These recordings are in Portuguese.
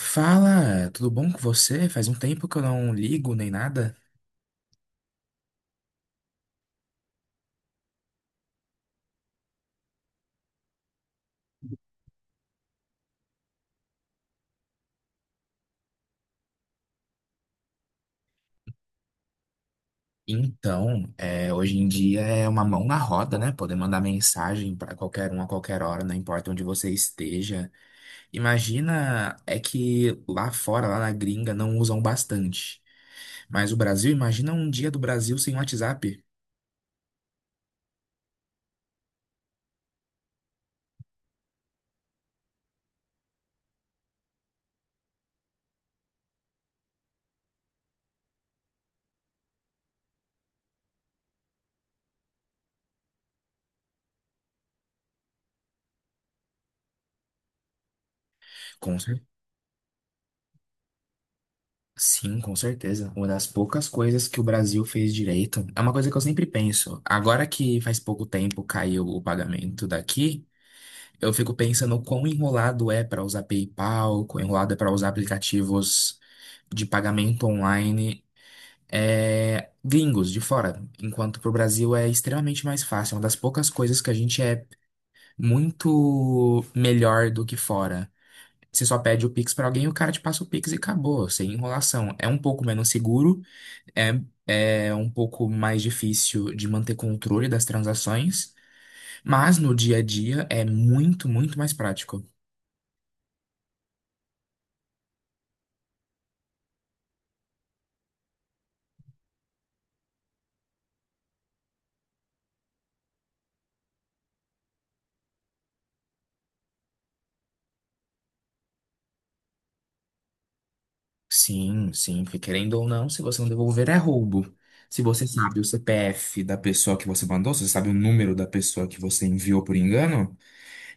Fala, tudo bom com você? Faz um tempo que eu não ligo nem nada. Hoje em dia é uma mão na roda, né? Poder mandar mensagem para qualquer um a qualquer hora, não importa onde você esteja. Imagina, é que lá fora, lá na gringa, não usam bastante. Mas o Brasil, imagina um dia do Brasil sem WhatsApp. Com cer- Sim, com certeza. Uma das poucas coisas que o Brasil fez direito. É uma coisa que eu sempre penso. Agora que faz pouco tempo caiu o pagamento daqui. Eu fico pensando quão enrolado é para usar PayPal, quão enrolado é para usar aplicativos de pagamento online gringos de fora, enquanto para o Brasil é extremamente mais fácil. É uma das poucas coisas que a gente é muito melhor do que fora. Você só pede o Pix para alguém, o cara te passa o Pix e acabou, sem enrolação. É um pouco menos seguro, é, é um pouco mais difícil de manter controle das transações, mas no dia a dia é muito, muito mais prático. Sim, sim, porque querendo ou não, se você não devolver é roubo. Se você sabe o CPF da pessoa que você mandou, se você sabe o número da pessoa que você enviou por engano,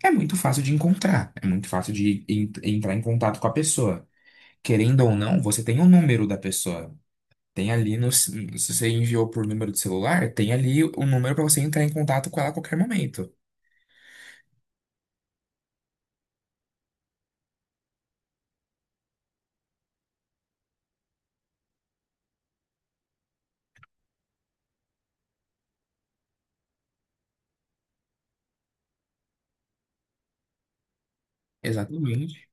é muito fácil de encontrar, é muito fácil de entrar em contato com a pessoa. Querendo ou não, você tem o número da pessoa. Tem ali no, se você enviou por número de celular, tem ali o número para você entrar em contato com ela a qualquer momento. Exatamente.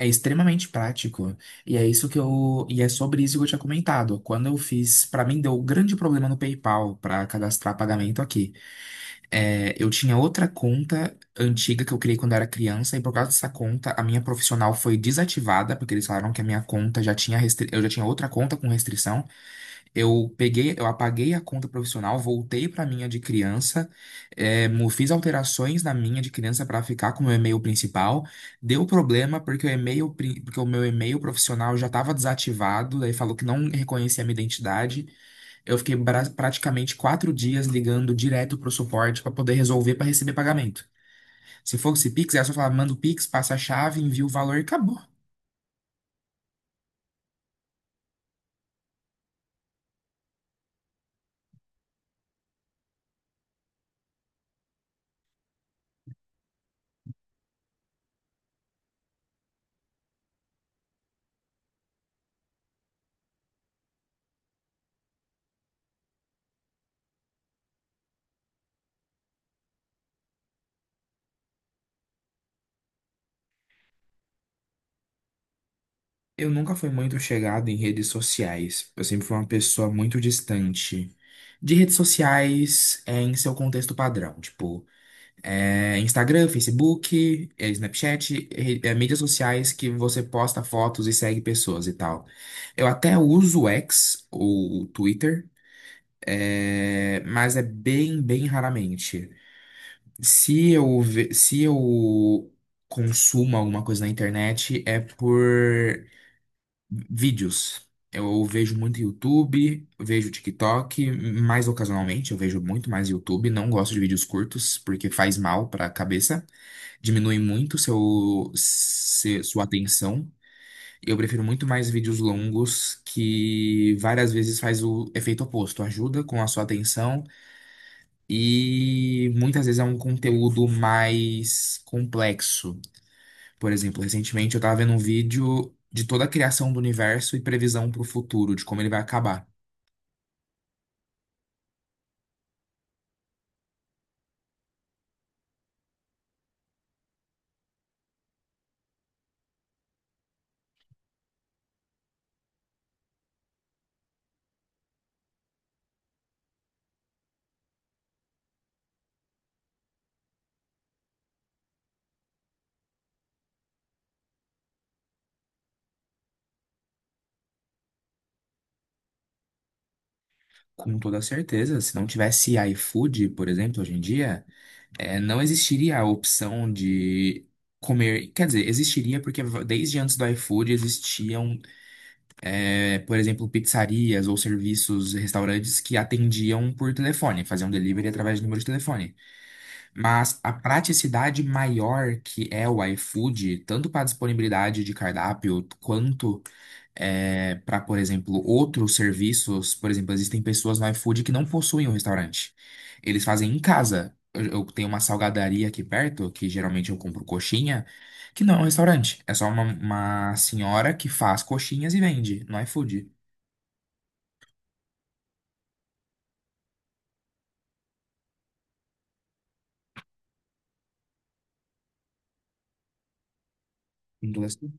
É extremamente prático. E é sobre isso que eu tinha comentado. Quando eu fiz. Pra mim, deu um grande problema no PayPal pra cadastrar pagamento aqui. É, eu tinha outra conta antiga que eu criei quando eu era criança, e por causa dessa conta, a minha profissional foi desativada, porque eles falaram que a minha conta já tinha. Eu já tinha outra conta com restrição. Eu peguei, eu apaguei a conta profissional, voltei para a minha de criança, fiz alterações na minha de criança para ficar com o meu e-mail principal. Deu problema porque o porque o meu e-mail profissional já estava desativado, daí falou que não reconhecia a minha identidade. Eu fiquei praticamente quatro dias ligando direto para o suporte para poder resolver para receber pagamento. Se fosse Pix, era só falar, manda o Pix, passa a chave, envia o valor e acabou. Eu nunca fui muito chegado em redes sociais. Eu sempre fui uma pessoa muito distante de redes sociais em seu contexto padrão, tipo Instagram, Facebook, Snapchat, mídias sociais que você posta fotos e segue pessoas e tal. Eu até uso o X, ou o Twitter, mas é bem, bem raramente. Se eu consumo alguma coisa na internet, é por vídeos. Eu vejo muito YouTube, vejo TikTok, mais ocasionalmente, eu vejo muito mais YouTube. Não gosto de vídeos curtos, porque faz mal para a cabeça, diminui muito seu, se- sua atenção. Eu prefiro muito mais vídeos longos, que várias vezes faz o efeito oposto, ajuda com a sua atenção e muitas vezes é um conteúdo mais complexo. Por exemplo, recentemente eu tava vendo um vídeo de toda a criação do universo e previsão para o futuro, de como ele vai acabar. Com toda certeza, se não tivesse iFood, por exemplo, hoje em dia, não existiria a opção de comer. Quer dizer, existiria porque desde antes do iFood existiam, por exemplo, pizzarias ou serviços, restaurantes que atendiam por telefone, faziam delivery através de número de telefone. Mas a praticidade maior que é o iFood, tanto para disponibilidade de cardápio, quanto para, por exemplo, outros serviços. Por exemplo, existem pessoas no iFood que não possuem um restaurante. Eles fazem em casa. Eu tenho uma salgadaria aqui perto, que geralmente eu compro coxinha, que não é um restaurante. É só uma senhora que faz coxinhas e vende no iFood. Então, assim,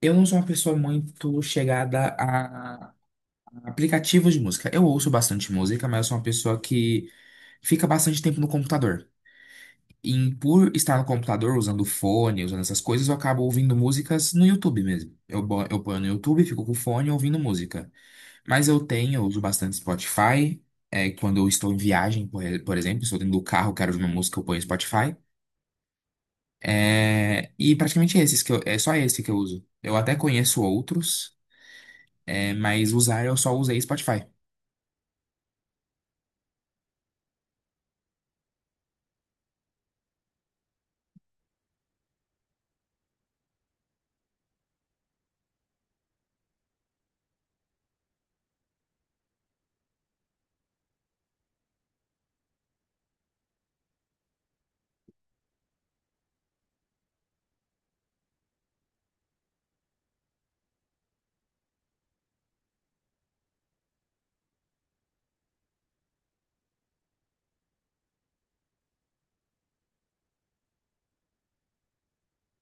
eu não sou uma pessoa muito chegada aplicativos de música. Eu ouço bastante música, mas eu sou uma pessoa que fica bastante tempo no computador. E por estar no computador, usando fone, usando essas coisas, eu acabo ouvindo músicas no YouTube mesmo. Eu ponho no YouTube, fico com o fone ouvindo música. Mas eu tenho, eu uso bastante Spotify. É, quando eu estou em viagem, por exemplo, estou dentro do carro, quero ouvir uma música, eu ponho Spotify. É, e praticamente esses que eu, é só esse que eu uso. Eu até conheço outros, mas usar eu só usei Spotify.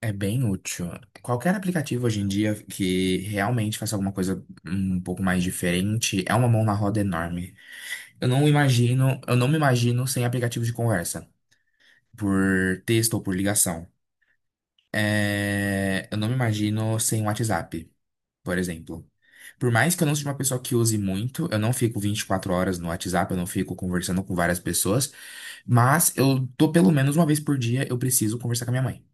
É bem útil. Qualquer aplicativo hoje em dia que realmente faça alguma coisa um pouco mais diferente é uma mão na roda enorme. Eu não imagino, eu não me imagino sem aplicativo de conversa, por texto ou por ligação. É, eu não me imagino sem WhatsApp, por exemplo. Por mais que eu não seja uma pessoa que use muito, eu não fico 24 horas no WhatsApp, eu não fico conversando com várias pessoas, mas eu tô pelo menos uma vez por dia, eu preciso conversar com a minha mãe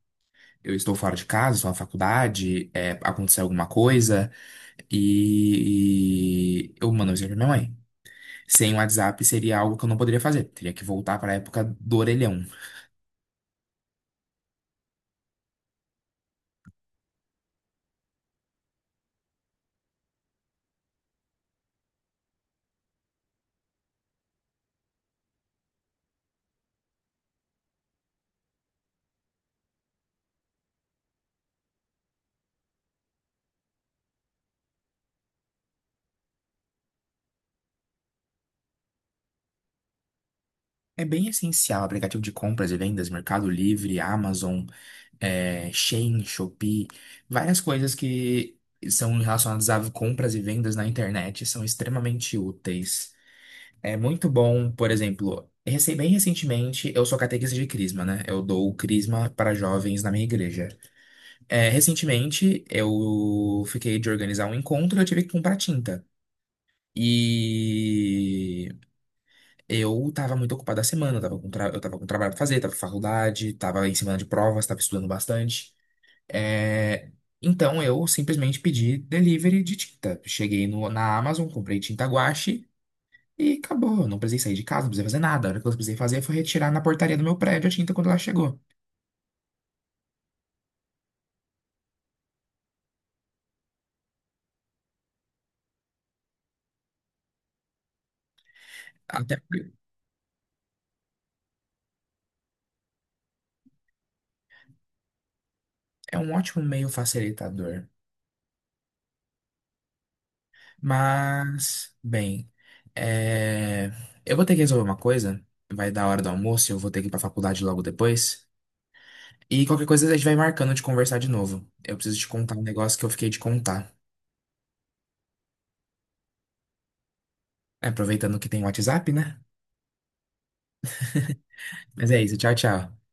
eu estou fora de casa, estou na faculdade, é, aconteceu alguma coisa, e eu mando um mensagem pra minha mãe. Sem o WhatsApp seria algo que eu não poderia fazer, teria que voltar para a época do orelhão. É bem essencial, aplicativo de compras e vendas, Mercado Livre, Amazon, Shein, Shopee, várias coisas que são relacionadas a compras e vendas na internet são extremamente úteis. É muito bom, por exemplo, bem recentemente, eu sou catequista de crisma, né? Eu dou crisma para jovens na minha igreja. É, recentemente, eu fiquei de organizar um encontro e eu tive que comprar tinta. E eu tava muito ocupado a semana, eu tava com trabalho pra fazer, tava com faculdade, tava em semana de provas, tava estudando bastante. É, Então eu simplesmente pedi delivery de tinta. Cheguei na Amazon, comprei tinta guache. E acabou, eu não precisei sair de casa, não precisei fazer nada. A única coisa que eu precisei fazer foi retirar na portaria do meu prédio a tinta quando ela chegou. Até porque é um ótimo meio facilitador. Mas, bem, é, eu vou ter que resolver uma coisa. Vai dar a hora do almoço, eu vou ter que ir pra faculdade logo depois. E qualquer coisa a gente vai marcando de conversar de novo. Eu preciso te contar um negócio que eu fiquei de contar. Aproveitando que tem WhatsApp, né? Mas é isso, tchau, tchau.